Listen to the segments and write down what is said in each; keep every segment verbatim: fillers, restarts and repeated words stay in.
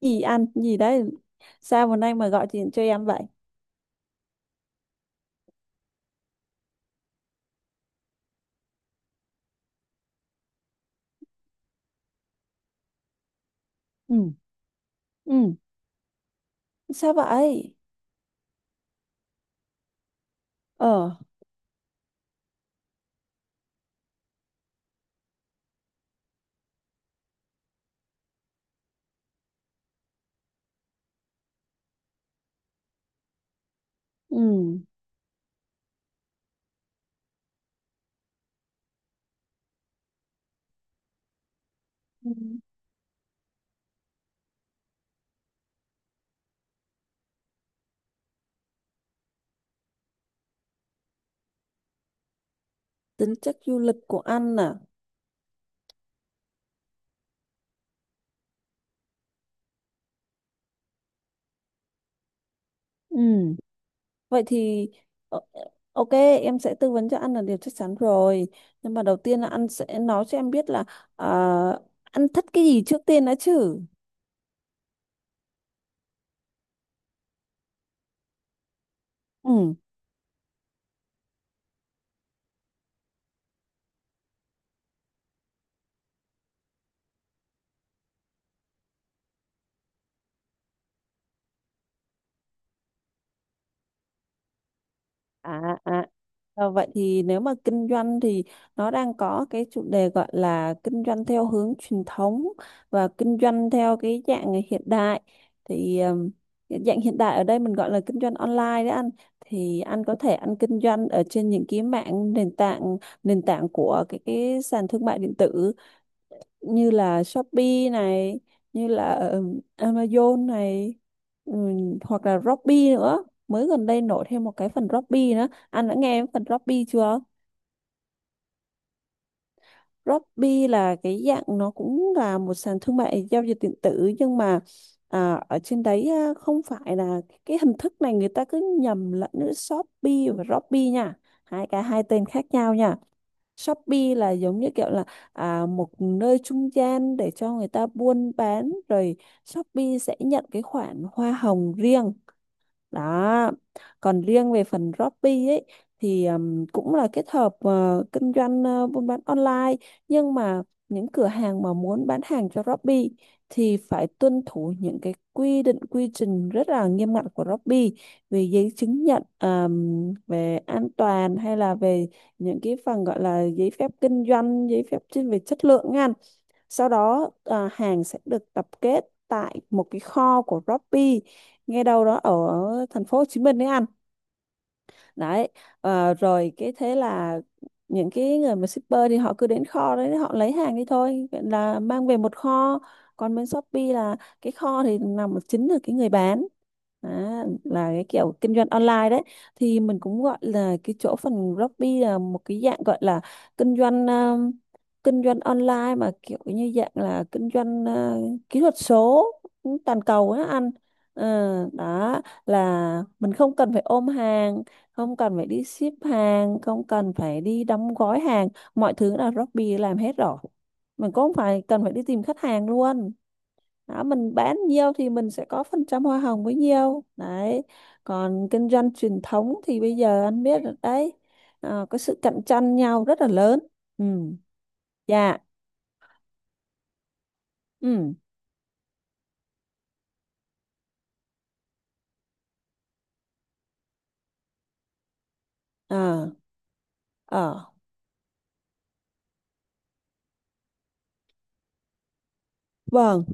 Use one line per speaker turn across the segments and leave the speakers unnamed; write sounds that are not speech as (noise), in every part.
Gì ăn gì đấy? Sao hôm nay mà gọi điện cho em vậy? Ừ ừ Sao vậy? Ờ. Ừ. Ừ. Tính chất du lịch của anh à? Ừ. Vậy thì ờ, ok, em sẽ tư vấn cho anh là điều chắc chắn rồi, nhưng mà đầu tiên là anh sẽ nói cho em biết là ờ, anh thích cái gì trước tiên đã chứ. Ừ. À, à. Ờ, vậy thì nếu mà kinh doanh thì nó đang có cái chủ đề gọi là kinh doanh theo hướng truyền thống và kinh doanh theo cái dạng hiện đại. Thì ừm, cái dạng hiện đại ở đây mình gọi là kinh doanh online đấy anh. Thì anh có thể anh kinh doanh ở trên những cái mạng nền tảng, nền tảng của cái cái sàn thương mại điện tử, như là Shopee này, như là ừm, Amazon này, ừm, hoặc là Robby nữa, mới gần đây nổi thêm một cái phần Robby nữa. Anh đã nghe phần Robby chưa? Robby là cái dạng nó cũng là một sàn thương mại giao dịch điện tử, nhưng mà à, ở trên đấy à, không phải là cái hình thức này. Người ta cứ nhầm lẫn giữa Shopee và Robby nha, hai cái hai tên khác nhau nha. Shopee là giống như kiểu là à, một nơi trung gian để cho người ta buôn bán rồi Shopee sẽ nhận cái khoản hoa hồng riêng, đó. Còn riêng về phần Shopee ấy, thì ừm, cũng là kết hợp ờ, kinh doanh, ờ, buôn bán online, nhưng mà những cửa hàng mà muốn bán hàng cho Shopee thì phải tuân thủ những cái quy định quy trình rất là nghiêm ngặt của Shopee về giấy chứng nhận, ờm, về an toàn, hay là về những cái phần gọi là giấy phép kinh doanh, giấy phép chuyên về chất lượng nha. Sau đó à, hàng sẽ được tập kết tại một cái kho của Shopee, ngay đâu đó ở thành phố Hồ Chí Minh đấy anh. Đấy, ờ, rồi cái thế là những cái người mà shipper thì họ cứ đến kho đấy họ lấy hàng đi thôi, vậy là mang về một kho. Còn bên Shopee là cái kho thì nằm ở chính là cái người bán. Đó, là cái kiểu kinh doanh online đấy. Thì mình cũng gọi là cái chỗ phần Shopee là một cái dạng gọi là kinh doanh, um, kinh doanh online mà kiểu như dạng là kinh doanh uh, kỹ thuật số toàn cầu á anh. Ờ, đó là mình không cần phải ôm hàng, không cần phải đi ship hàng, không cần phải đi đóng gói hàng, mọi thứ là Shopee làm hết rồi. Mình cũng không phải cần phải đi tìm khách hàng luôn. Đó, mình bán nhiều thì mình sẽ có phần trăm hoa hồng bấy nhiều. đấy. Còn kinh doanh truyền thống thì bây giờ anh biết rồi đấy, à, có sự cạnh tranh nhau rất là lớn. Ừ. Dạ. Ừ. À. Ờ. Vâng.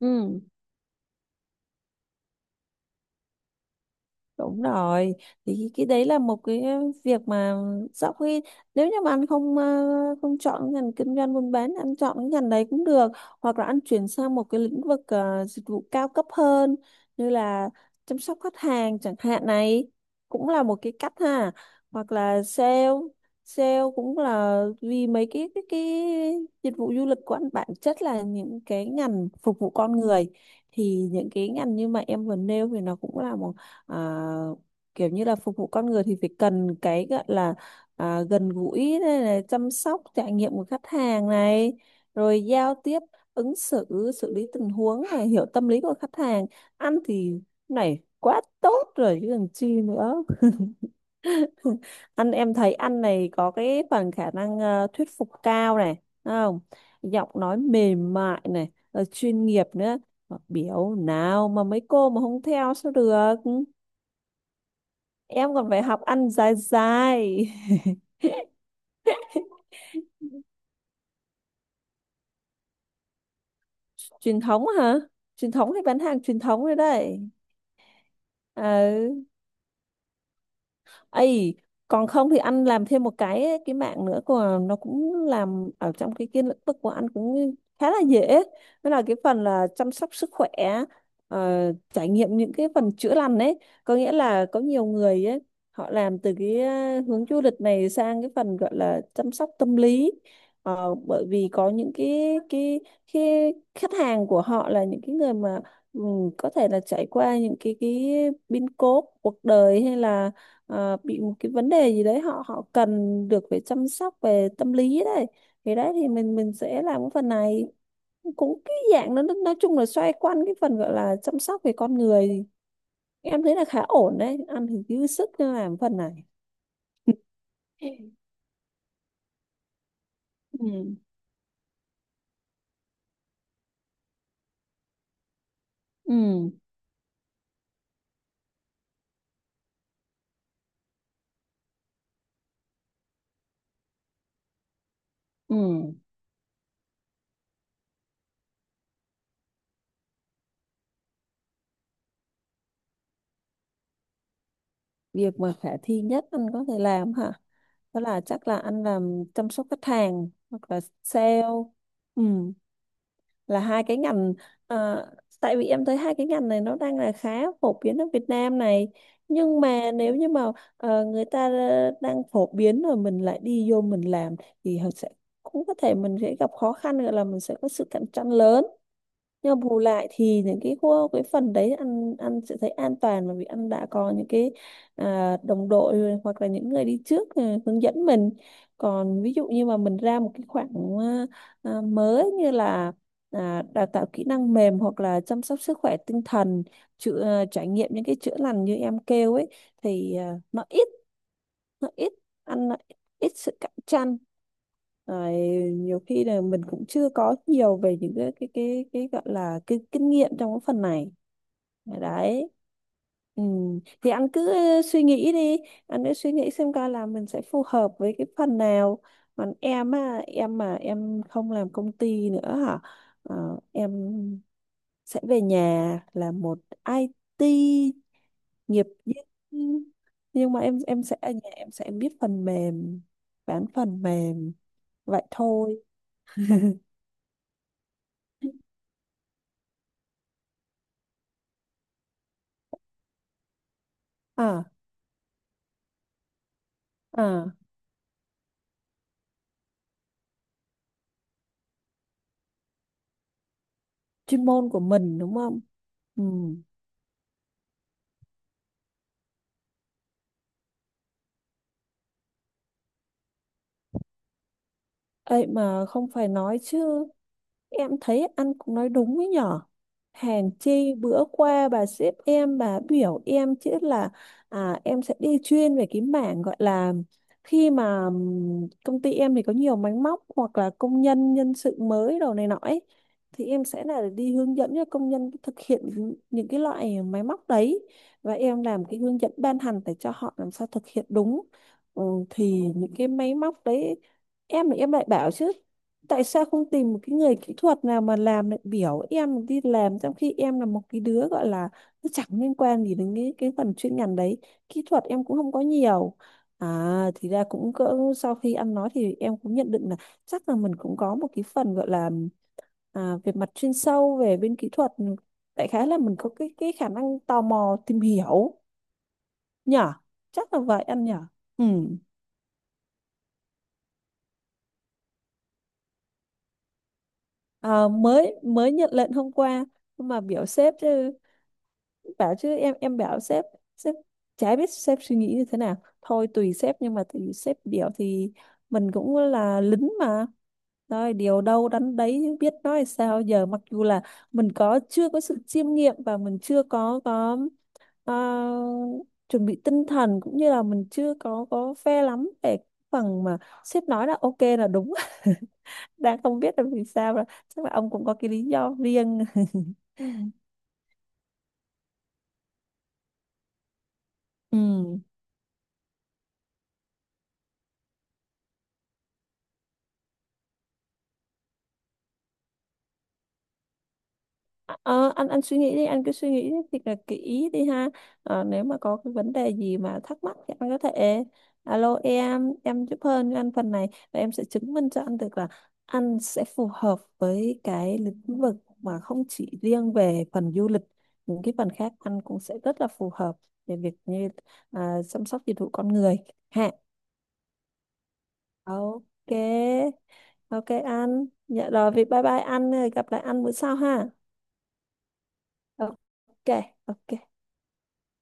Ừ. Đúng rồi, thì cái cái đấy là một cái việc mà sau khi, nếu như mà anh không ờ, không chọn cái ngành kinh doanh buôn bán, anh chọn cái ngành đấy cũng được, hoặc là anh chuyển sang một cái lĩnh vực ờ, dịch vụ cao cấp hơn, như là chăm sóc khách hàng chẳng hạn này, cũng là một cái cách ha, hoặc là sale, sale cũng là vì mấy cái cái cái dịch vụ du lịch của anh bản chất là những cái ngành phục vụ con người. Thì những cái ngành như mà em vừa nêu thì nó cũng là một à, kiểu như là phục vụ con người thì phải cần cái gọi là à, gần gũi này, này, chăm sóc trải nghiệm của khách hàng này, rồi giao tiếp, ứng xử, xử lý tình huống này, hiểu tâm lý của khách hàng. Ăn thì này quá tốt rồi chứ còn chi nữa. (laughs) Ăn, em thấy ăn này có cái phần khả năng ờ, thuyết phục cao này, đúng không? Giọng nói mềm mại này, rồi chuyên nghiệp nữa. Mà biểu nào mà mấy cô mà không theo sao được. Em còn phải học ăn dài dài. (laughs) Truyền thống hả? Truyền thống thì bán hàng truyền thống rồi đấy. Ừ. Ấy, còn không thì anh làm thêm một cái cái mạng nữa của nó, cũng làm ở trong cái cái lĩnh vực của anh cũng khá là dễ. Đó là cái phần là chăm sóc sức khỏe, ờ, trải nghiệm những cái phần chữa lành ấy, có nghĩa là có nhiều người ấy họ làm từ cái ờ, hướng du lịch này sang cái phần gọi là chăm sóc tâm lý. Ờ, bởi vì có những cái cái cái khách hàng của họ là những cái người mà ừ, có thể là trải qua những cái cái biến cố cuộc đời, hay là ờ, bị một cái vấn đề gì đấy, họ họ cần được về chăm sóc về tâm lý đấy. Thì đấy thì mình mình sẽ làm cái phần này, cũng cái dạng nó nó- nói chung là xoay quanh cái phần gọi là chăm sóc về con người. Em thấy là khá ổn đấy, ăn thì dư sức nên làm phần này. Ừ. Ừ. Ừ. Việc mà khả thi nhất anh có thể làm hả? Đó là chắc là anh làm chăm sóc khách hàng hoặc là sale. Ừ, là hai cái ngành, ờ, tại vì em thấy hai cái ngành này nó đang là khá phổ biến ở Việt Nam này. Nhưng mà nếu như mà ờ, người ta ờ, đang phổ biến rồi mình lại đi vô mình làm, thì họ sẽ, cũng có thể mình sẽ gặp khó khăn, gọi là mình sẽ có sự cạnh tranh lớn. Nhưng mà bù lại thì những cái khu cái phần đấy ăn, ăn sẽ thấy an toàn, bởi vì ăn đã có những cái à, đồng đội rồi, hoặc là những người đi trước à, hướng dẫn mình. Còn ví dụ như mà mình ra một cái khoảng à, à, mới, như là à, đào tạo kỹ năng mềm, hoặc là chăm sóc sức khỏe tinh thần, chữa, à, trải nghiệm những cái chữa lành như em kêu ấy, thì à, nó ít nó ít ăn nó ít sự cạnh tranh. Rồi, nhiều khi là mình cũng chưa có nhiều về những cái cái cái cái gọi là cái kinh nghiệm trong cái phần này. Dạ, đấy. Ừ. Thì anh cứ ờ, suy nghĩ đi, anh cứ suy nghĩ xem coi là mình sẽ phù hợp với cái phần nào. Còn em á, em mà em không làm công ty nữa hả? Ờ, em sẽ về nhà làm một i tê nghiệp, nhưng nhưng mà em em sẽ ở nhà em sẽ biết phần mềm, bán phần mềm, vậy thôi. À, à, chuyên môn của mình đúng không? Ừ. Ấy mà không phải nói chứ, em thấy anh cũng nói đúng ấy nhở. Hèn chi bữa qua bà sếp em bà biểu em chứ là à, em sẽ đi chuyên về cái mảng gọi là, khi mà ừm, công ty em thì có nhiều máy móc, hoặc là công nhân, nhân sự mới đồ này nọ ấy, thì em sẽ là đi hướng dẫn cho công nhân thực hiện những cái loại máy móc đấy, và em làm cái hướng dẫn ban hành để cho họ làm sao thực hiện đúng. Ừ, thì những cái máy móc đấy, em thì em lại bảo chứ, tại sao không tìm một cái người kỹ thuật nào mà làm lại biểu em đi làm, trong khi em là một cái đứa gọi là nó chẳng liên quan gì đến cái cái phần chuyên ngành đấy, kỹ thuật em cũng không có nhiều. À thì ra cũng cỡ sau khi ăn nói thì em cũng nhận định là chắc là mình cũng có một cái phần gọi là à, về mặt chuyên sâu về bên kỹ thuật, đại khái là mình có cái cái khả năng tò mò tìm hiểu. Nhở? Chắc là vậy anh nhở. Ừ, à, mới mới nhận lệnh hôm qua. Mà biểu sếp chứ, bảo chứ, em em bảo sếp. Sếp chả biết sếp suy nghĩ như thế nào, thôi tùy sếp, nhưng mà tùy sếp biểu thì mình cũng là lính mà, rồi điều đâu đánh đấy chứ biết nói sao giờ. Mặc dù là mình có chưa có sự chiêm nghiệm, và mình chưa có có ờ, chuẩn bị tinh thần, cũng như là mình chưa có có phe lắm về cái phần mà sếp nói là ok là đúng. (laughs) Đang không biết là vì sao, rồi chắc là ông cũng có cái lý do riêng. (laughs) Ừ. Ờ, anh anh suy nghĩ đi, anh cứ suy nghĩ thiệt là kỹ đi ha. Ờ, nếu mà có cái vấn đề gì mà thắc mắc thì anh có thể alo em em giúp hơn cho anh phần này, và em sẽ chứng minh cho anh được là anh sẽ phù hợp với cái lĩnh vực mà không chỉ riêng về phần du lịch, những cái phần khác anh cũng sẽ rất là phù hợp, về việc như à, chăm sóc dịch vụ con người, ha. Ok. Ok anh, dạ rồi vậy, bye bye, anh gặp lại anh bữa sau ha. Ok. Ok.